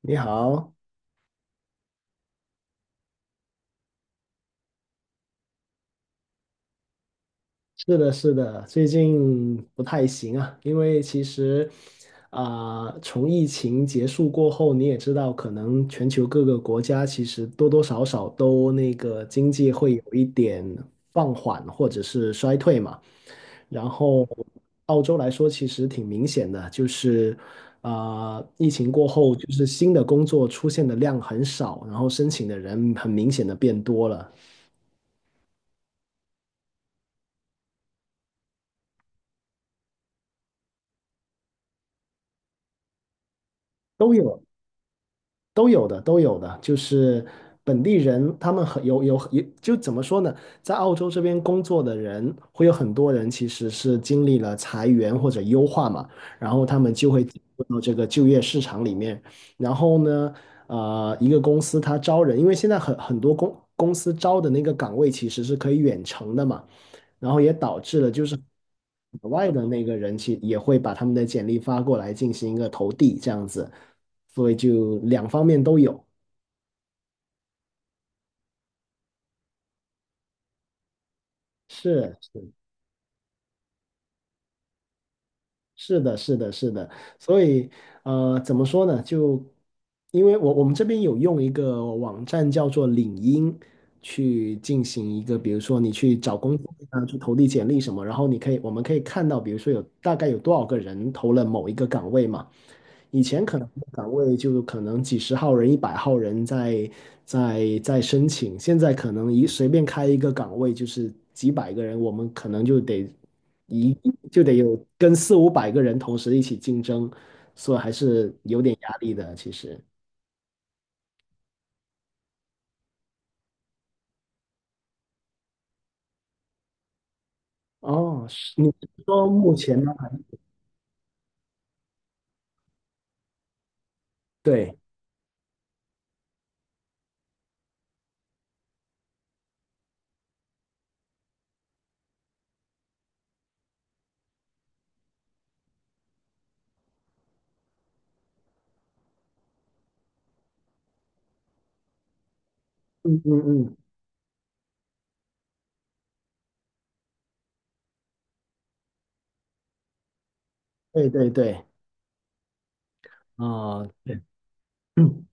你好，是的，是的，最近不太行啊。因为其实从疫情结束过后，你也知道，可能全球各个国家其实多多少少都那个经济会有一点放缓或者是衰退嘛。然后澳洲来说，其实挺明显的，就是疫情过后，就是新的工作出现的量很少，然后申请的人很明显的变多了。都有。都有的，都有的，就是本地人，他们很有，就怎么说呢，在澳洲这边工作的人，会有很多人其实是经历了裁员或者优化嘛，然后他们就会进入到这个就业市场里面。然后呢，一个公司它招人，因为现在很多公司招的那个岗位其实是可以远程的嘛，然后也导致了就是海外的那个人去也会把他们的简历发过来进行一个投递这样子，所以就两方面都有。是是的，是的，是的。所以怎么说呢？就因为我们这边有用一个网站叫做领英去进行一个，比如说你去找工作啊，去投递简历什么，然后你可以我们可以看到，比如说有大概有多少个人投了某一个岗位嘛。以前可能岗位就可能几十号人、100号人在申请，现在可能一随便开一个岗位就是几百个人，我们可能一就得有跟四五百个人同时一起竞争，所以还是有点压力的。其实，哦，是，你是说目前吗？对，嗯嗯嗯，对对对，对，嗯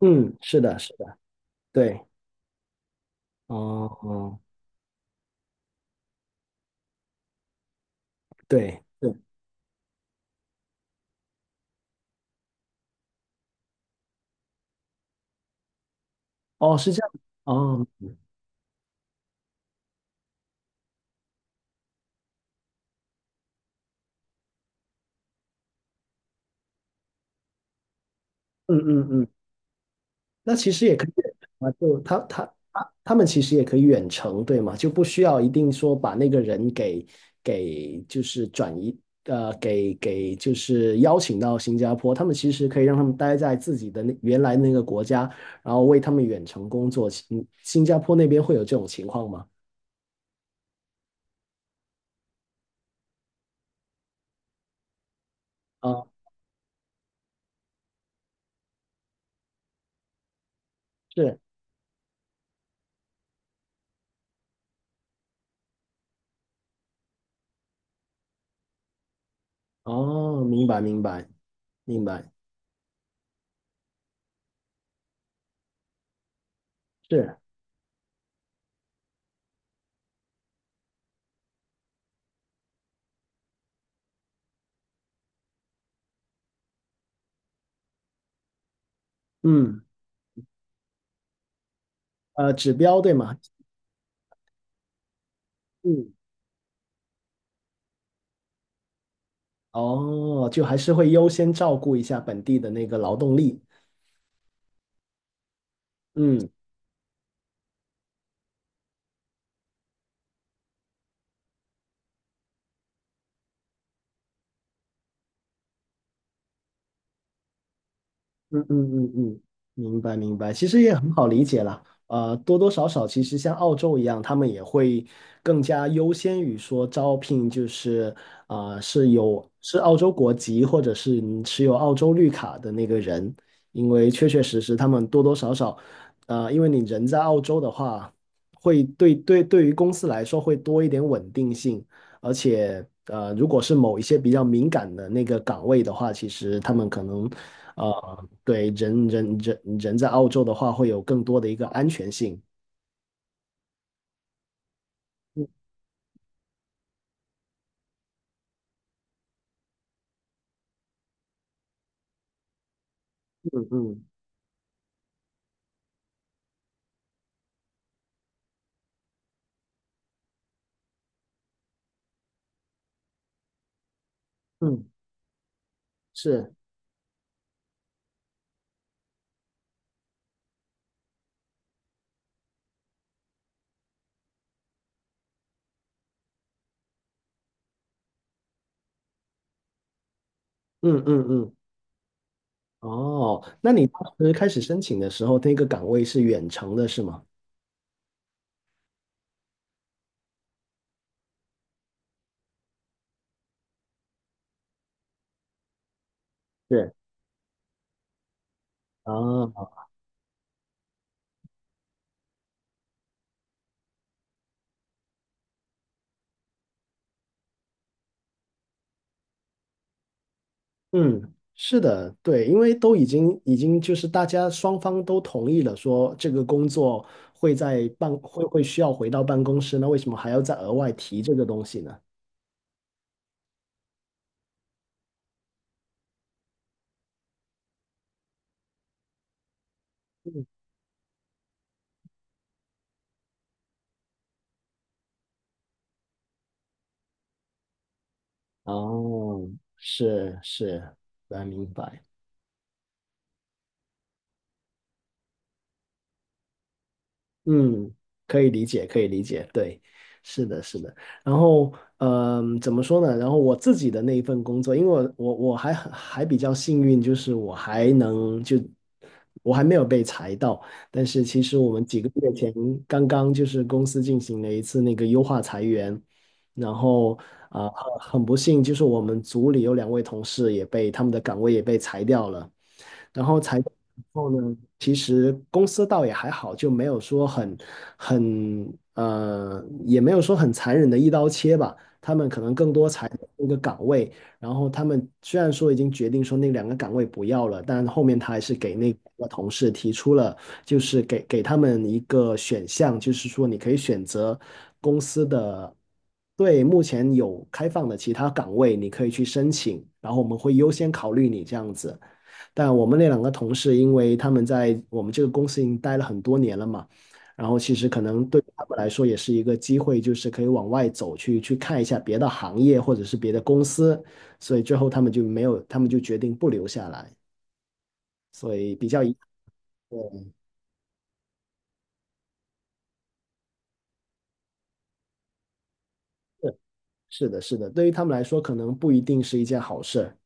嗯，是的，是的，对，哦哦，对对，哦，是这样，哦，嗯嗯嗯。那其实也可以啊，就他们其实也可以远程，对吗？就不需要一定说把那个人给就是转移，给就是邀请到新加坡，他们其实可以让他们待在自己的那原来那个国家，然后为他们远程工作。新加坡那边会有这种情况吗？啊，是，哦，明白明白明白，是，嗯，指标对吗？嗯，哦，就还是会优先照顾一下本地的那个劳动力。嗯嗯嗯嗯嗯，明白明白，其实也很好理解啦。多多少少，其实像澳洲一样，他们也会更加优先于说招聘，就是是澳洲国籍或者是你持有澳洲绿卡的那个人，因为确确实实他们多多少少，因为你人在澳洲的话，会对于公司来说会多一点稳定性，而且如果是某一些比较敏感的那个岗位的话，其实他们可能对人在澳洲的话，会有更多的一个安全性。嗯嗯嗯，是，嗯嗯嗯。哦，那你当时开始申请的时候，那个岗位是远程的，是吗？是啊，嗯，是的，对，因为都已经就是大家双方都同意了，说这个工作会需要回到办公室，那为什么还要再额外提这个东西呢？哦，是是，来明白。嗯，可以理解，可以理解，对，是的，是的。然后，嗯，怎么说呢？然后我自己的那一份工作，因为我还比较幸运，就是我还没有被裁到。但是其实我们几个月前刚刚就是公司进行了一次那个优化裁员，然后啊，呃很不幸，就是我们组里有两位同事也被，他们的岗位也被裁掉了。然后裁掉以后呢，其实公司倒也还好，就没有说很很呃，也没有说很残忍的一刀切吧。他们可能更多裁掉一个岗位，然后他们虽然说已经决定说那两个岗位不要了，但后面他还是给那个同事提出了，就是给他们一个选项，就是说你可以选择公司的对目前有开放的其他岗位，你可以去申请，然后我们会优先考虑你这样子。但我们那两个同事，因为他们在我们这个公司已经待了很多年了嘛，然后其实可能对他们来说也是一个机会，就是可以往外走去，去看一下别的行业或者是别的公司，所以最后他们就没有，他们就决定不留下来，所以比较遗憾。对，是的，是的，对于他们来说，可能不一定是一件好事。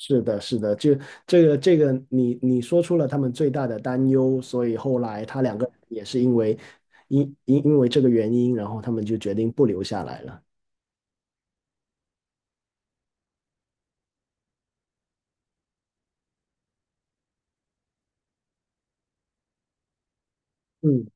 是的，是的，就这个你说出了他们最大的担忧，所以后来他两个人也是因为这个原因，然后他们就决定不留下来了。嗯，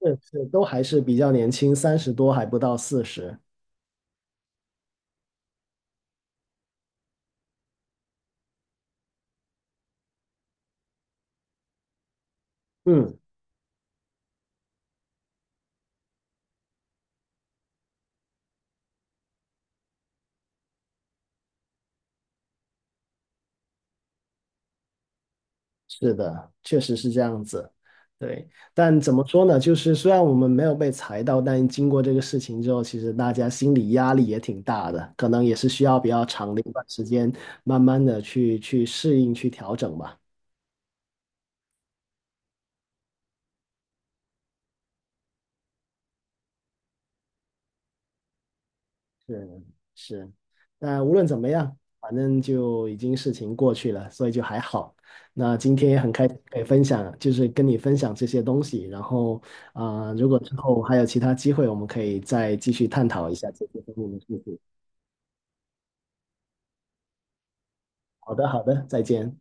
是是，都还是比较年轻，30多还不到40。嗯，是的，确实是这样子。对，但怎么说呢？就是虽然我们没有被裁到，但经过这个事情之后，其实大家心理压力也挺大的，可能也是需要比较长的一段时间，慢慢的去适应、去调整吧。是是，那无论怎么样，反正就已经事情过去了，所以就还好。那今天也很开心可以分享，就是跟你分享这些东西。然后如果之后还有其他机会，我们可以再继续探讨一下这些方面的事情。好的，好的，再见。